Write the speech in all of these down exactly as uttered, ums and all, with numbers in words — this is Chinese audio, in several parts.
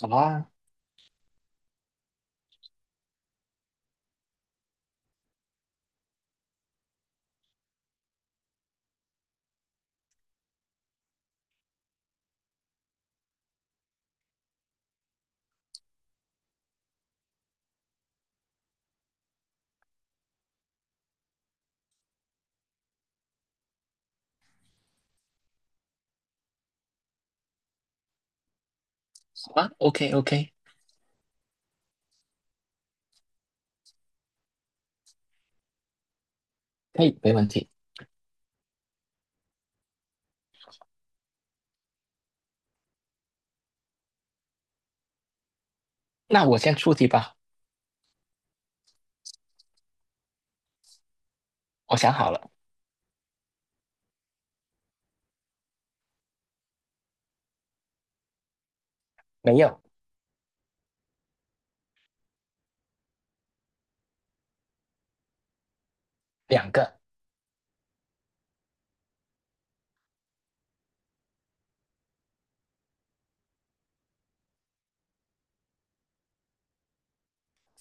好啊，好啊，OK OK，可以，没问题。那我先出题吧，我想好了，没有，两个，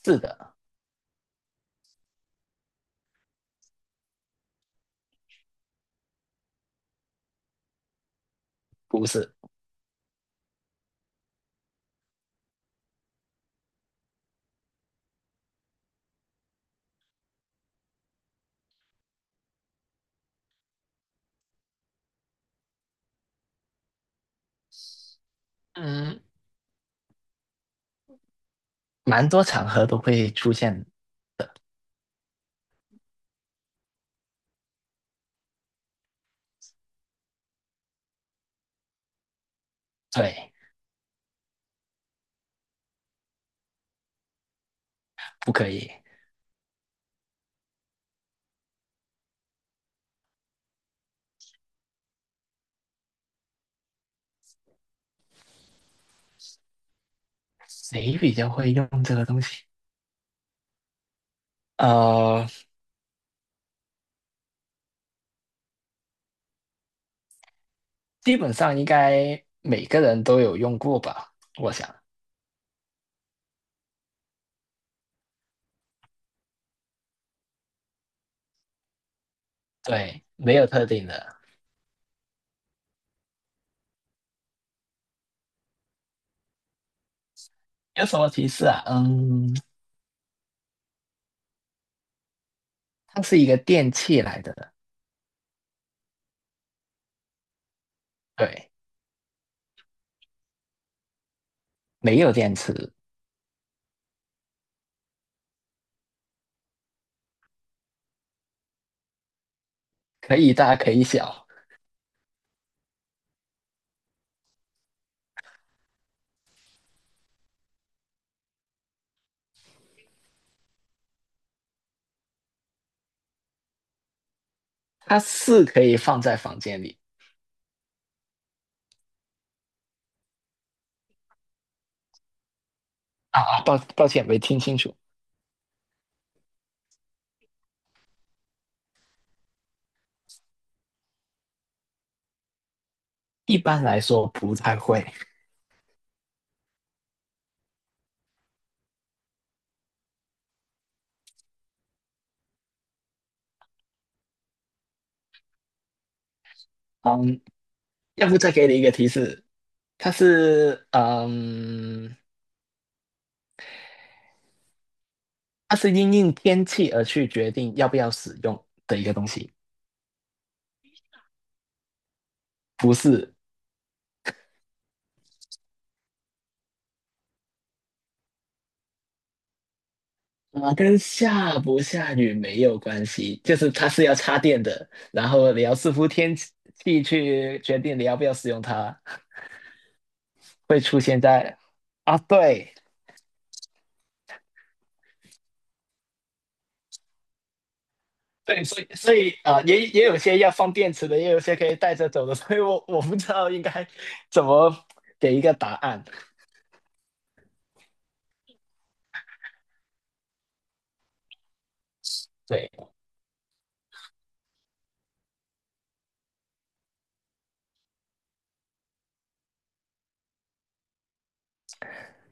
是的，不是，嗯，蛮多场合都会出现，对，不可以。谁比较会用这个东西？呃，基本上应该每个人都有用过吧，我想，对，没有特定的。有什么提示啊？嗯，它是一个电器来的，对，没有电池，可以大可以小，它是可以放在房间里。啊啊，抱抱歉，没听清楚。一般来说不太会。嗯，要不再给你一个提示，它是嗯，它是因应天气而去决定要不要使用的一个东西，不是。啊，呃跟下不下雨没有关系，就是它是要插电的，然后你要视乎天气去决定你要不要使用它，会出现在啊，对，对，所以所以啊、呃也也有些要放电池的，也有些可以带着走的，所以我我不知道应该怎么给一个答案。对，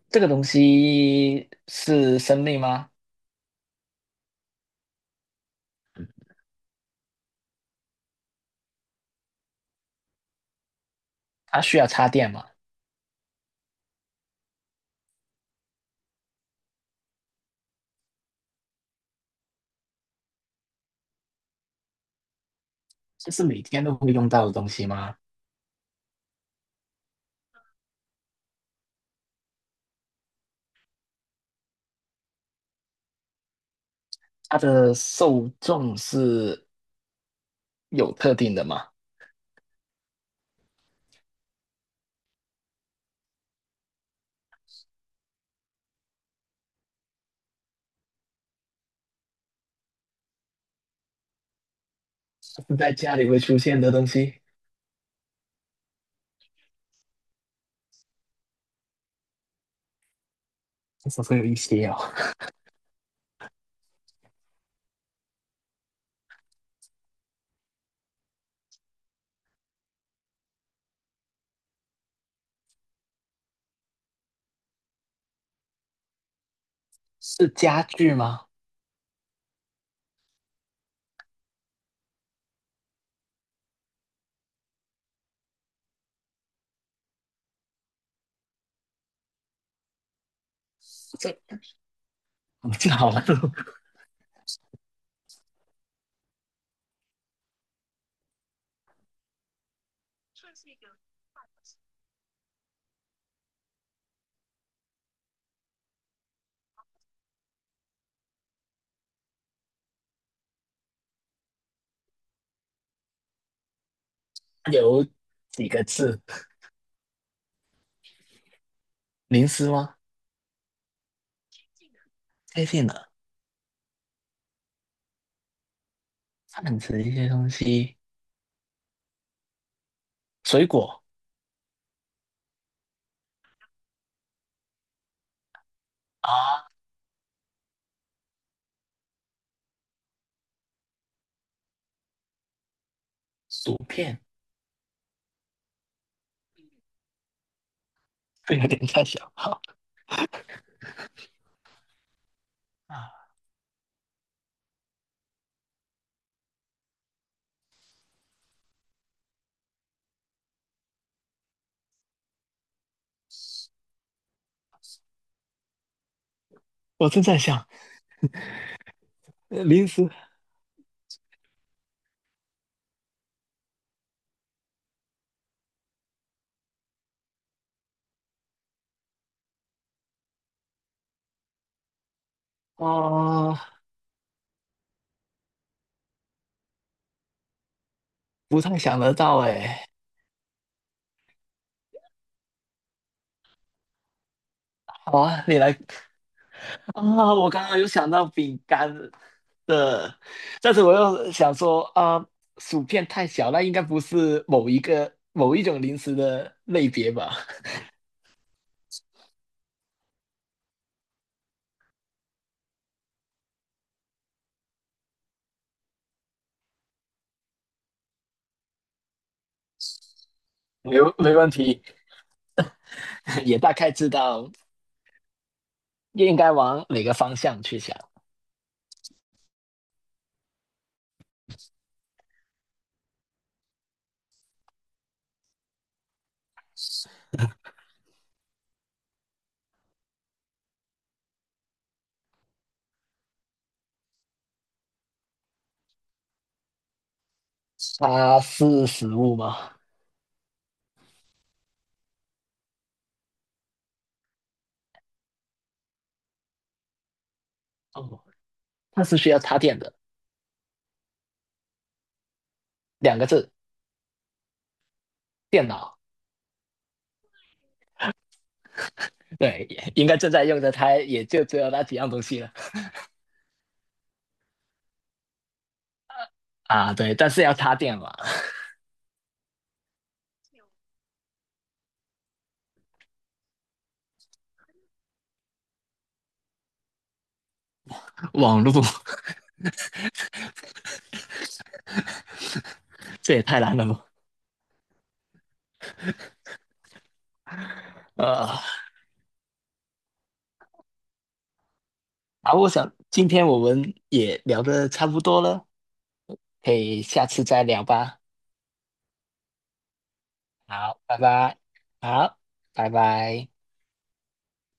这个东西是生命吗？它需要插电吗？这是每天都会用到的东西吗？它的受众是有特定的吗？它是在家里会出现的东西，这是会有一些哦。是家具吗？我这好了，有几个字？零食吗？接近了，泛指一些东西。水果啊，薯片，这有点太小。好啊，我正在想呃零食啊，不太想得到哎。好啊，你来啊，我刚刚有想到饼干的，但是我又想说啊，薯片太小，那应该不是某一个某一种零食的类别吧？没没问题，也大概知道应该往哪个方向去想。它是食物吗？哦，它是需要插电的。两个字，电脑。对，应该正在用的它也就只有那几样东西了啊。对，但是要插电嘛，网络这也太难了吧。呃，啊，我想今天我们也聊得差不多了，可以下次再聊吧。好，拜拜。好，拜拜。